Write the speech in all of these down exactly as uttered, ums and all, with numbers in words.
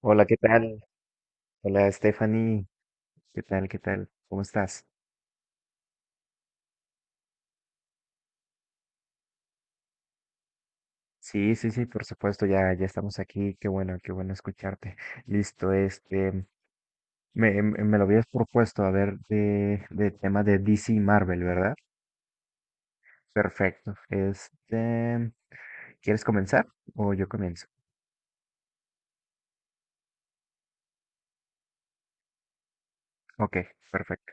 Hola, ¿qué tal? Hola, Stephanie. ¿Qué tal? ¿Qué tal? ¿Cómo estás? Sí, sí, sí, por supuesto, ya, ya estamos aquí. Qué bueno, qué bueno escucharte. Listo, este, me, me me lo habías propuesto, a ver, de, de tema de D C y Marvel, ¿verdad? Perfecto. Este, ¿quieres comenzar o yo comienzo? Ok, perfecto.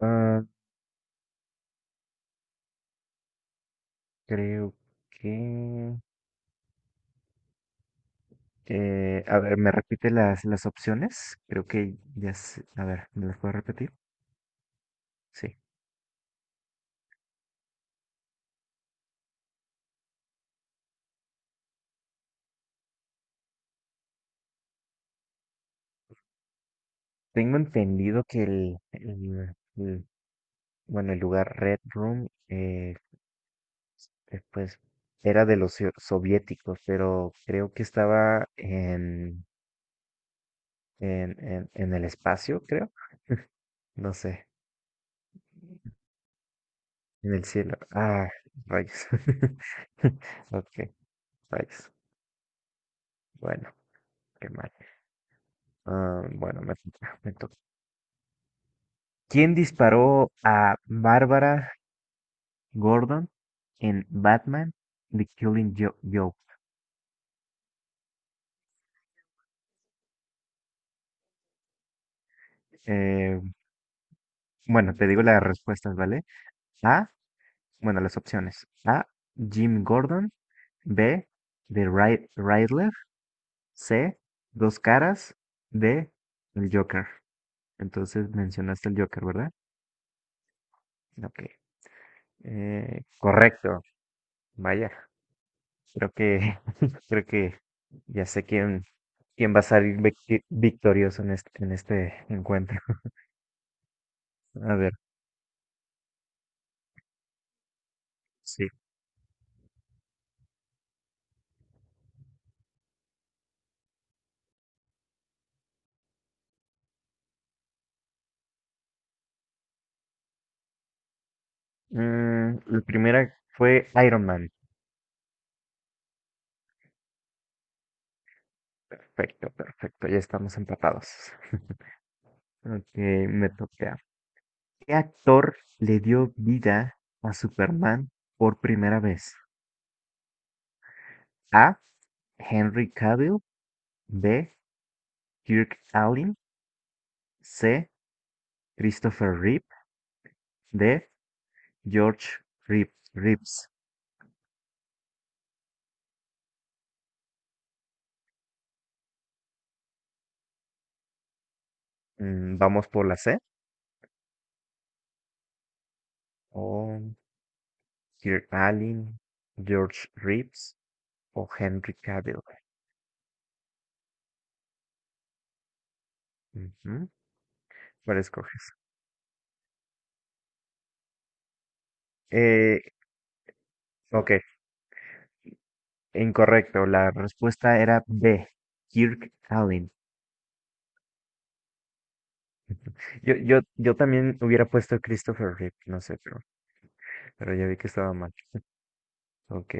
Ah, creo que... eh, a ver, ¿me repite las, las opciones? Creo que ya sé. A ver, ¿me las puedo repetir? Sí. Tengo entendido que el, el- el- bueno, el lugar Red Room, eh, eh, pues, era de los sio- soviéticos, pero creo que estaba en, en, en, en el espacio, creo. No sé, en el cielo. Ah, rayos. Ok, rayos. Bueno, qué mal. Ah, bueno, me toca, me toca. ¿Quién disparó a Bárbara Gordon en Batman The Killing Jo- Joke? Eh, Bueno, te digo las respuestas, ¿vale? A, bueno, las opciones. A, Jim Gordon. B, The Ry- Riddler. C, Dos Caras. D, el Joker. Entonces mencionaste el Joker, ¿verdad? Ok. Eh, correcto. Vaya, creo que, creo que ya sé quién, quién va a salir victi- victorioso en este, en este encuentro. A ver, sí. Mm, la primera fue Iron Man. Perfecto, perfecto. Ya estamos empatados. Ok, me toca. ¿Qué actor le dio vida a Superman por primera vez? A. Henry Cavill. B. Kirk Allen. C. Christopher Reeve. D. George Reeve- Reeves. Mm, vamos por la C. O Kirk Allen, George Reeves o Henry Cavill. Ujú, ¿cuál escoges? Eh, ok, incorrecto. La respuesta era B. Kirk Allen. Yo, yo, yo también hubiera puesto Christopher Reeve, no sé, pero, pero ya vi que estaba mal. Ok.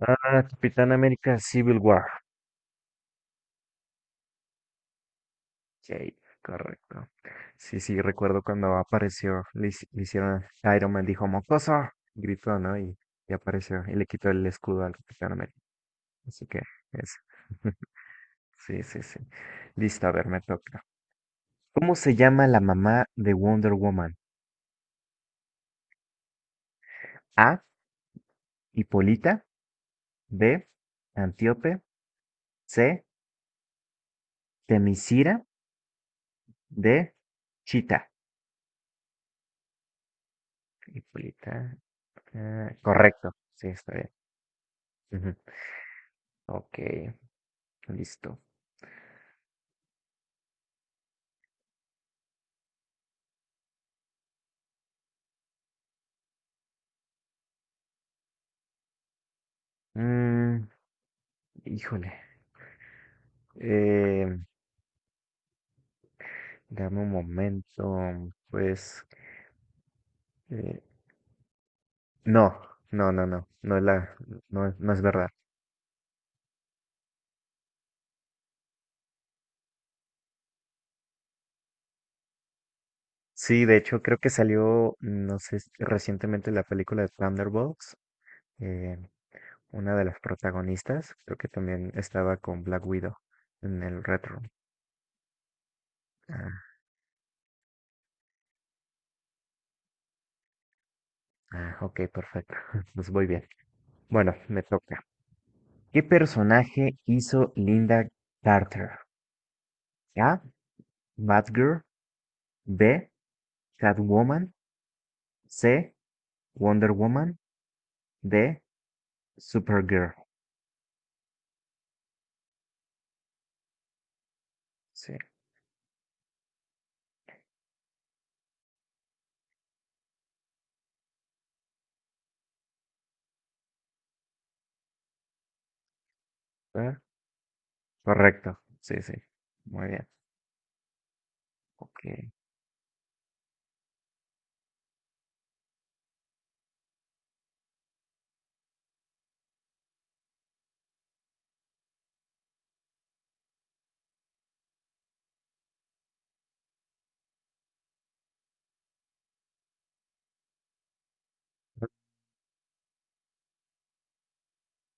Ah, Capitán América Civil War. Ok, correcto. Sí, sí, recuerdo cuando apareció, le, hici- le hicieron, Iron Man dijo, mocoso, gritó, ¿no? Y, y apareció y le quitó el escudo al Capitán América. Así que eso. Sí, sí, sí. Listo, a ver, me toca. ¿Cómo se llama la mamá de Wonder Woman? A, Hipólita, B, Antíope, C, Temiscira de Chita. Hipólita. Ah, correcto. Sí, está bien. Ujú. Ok, listo. Mm, híjole. Eh, dame un momento. Pues. eh, no, no, no, no. No es la, no, es- no es verdad. Sí, de hecho, creo que salió, no sé, si recientemente la película de Thunderbolts. eh, una de las protagonistas, creo que también estaba con Black Widow en el retro. Ah, ah, ok, perfecto. Pues voy bien. Bueno, me toca. ¿Qué personaje hizo Linda Carter? A. Batgirl. B. Catwoman. C. Wonder Woman. D. Supergirl. Sí. ¿Verdad? Correcto. Sí, sí. Muy bien. Ok.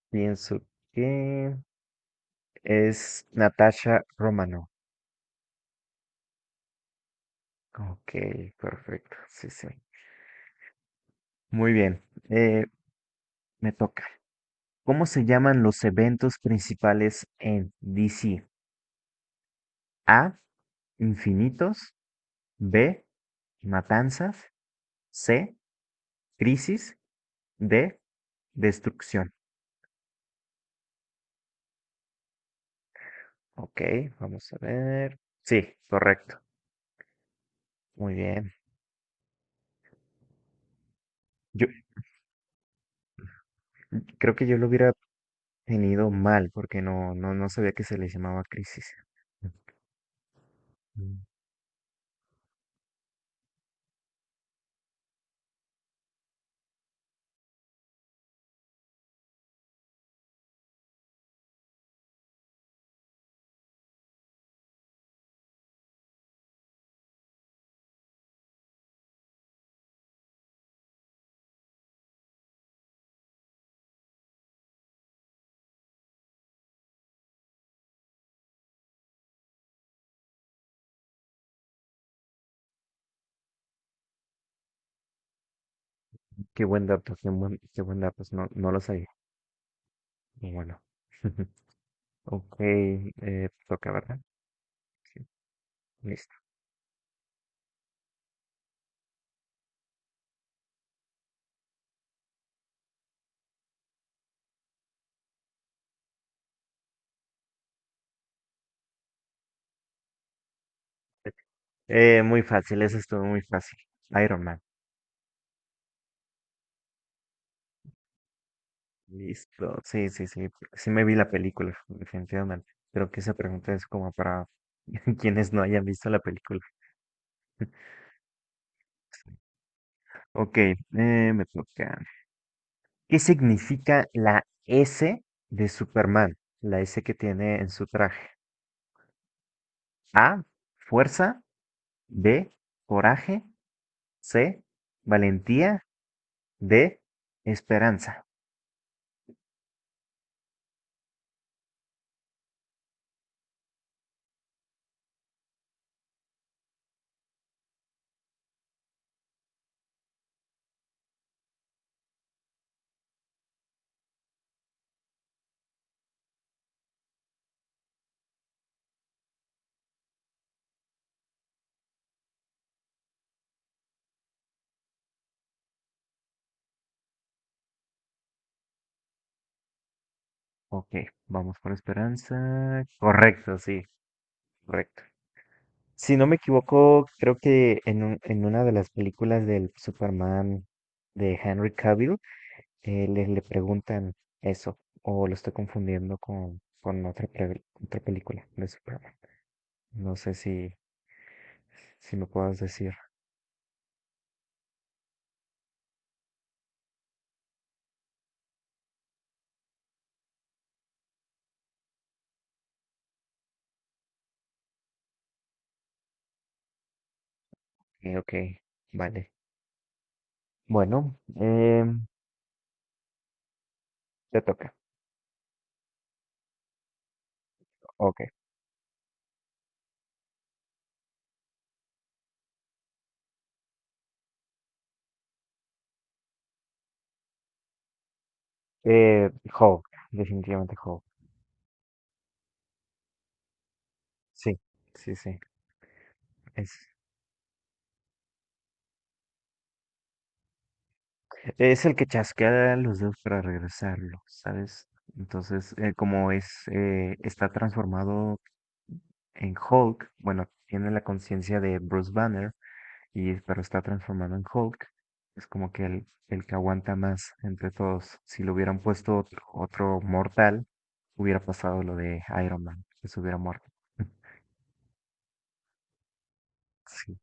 Pienso que es Natasha Romano. Ok, perfecto. Sí, sí. Muy bien. Eh, me toca. ¿Cómo se llaman los eventos principales en D C? A. Infinitos. B. Matanzas. C. Crisis. D. Destrucción. Ok, vamos a ver. Sí, correcto. Muy bien. Yo creo que yo lo hubiera tenido mal porque no, no, no sabía que se le llamaba crisis. Mm, qué buen dato, qué buen, qué buen dato. No, no lo sabía. Y bueno. Ok, eh, toca, ¿verdad? Sí, listo. Eh, muy fácil, eso estuvo muy fácil. Iron Man. Listo. Sí, sí, sí. Sí me vi la película, definitivamente. Creo que esa pregunta es como para quienes no hayan visto la película. Ok, eh, me toca. ¿Qué significa la S de Superman? La S que tiene en su traje. A, fuerza. B, coraje. C, valentía. D, esperanza. Ok, vamos por esperanza. Correcto, sí, correcto. Si no me equivoco, creo que en, un- en una de las películas del Superman de Henry Cavill, eh, le, le preguntan eso, o lo estoy confundiendo con, con otra, pre- otra película de Superman. No sé si, si me puedas decir. Eh, ok, vale. Bueno, em, te toca. Ok. Eh, Hulk, definitivamente Hulk. Sí, sí, sí. Es el que chasquea los dedos para regresarlo, ¿sabes? Entonces, eh, como es, eh, está transformado en Hulk, bueno, tiene la conciencia de Bruce Banner, y, pero está transformado en Hulk, es como que el, el que aguanta más entre todos. Si lo hubieran puesto otro, otro mortal, hubiera pasado lo de Iron Man, que se hubiera muerto. Sí,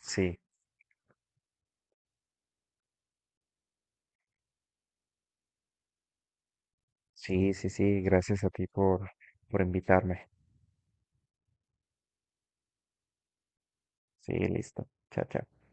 sí, sí, sí, sí, gracias a ti por, por invitarme. Sí, listo. Chao, chao.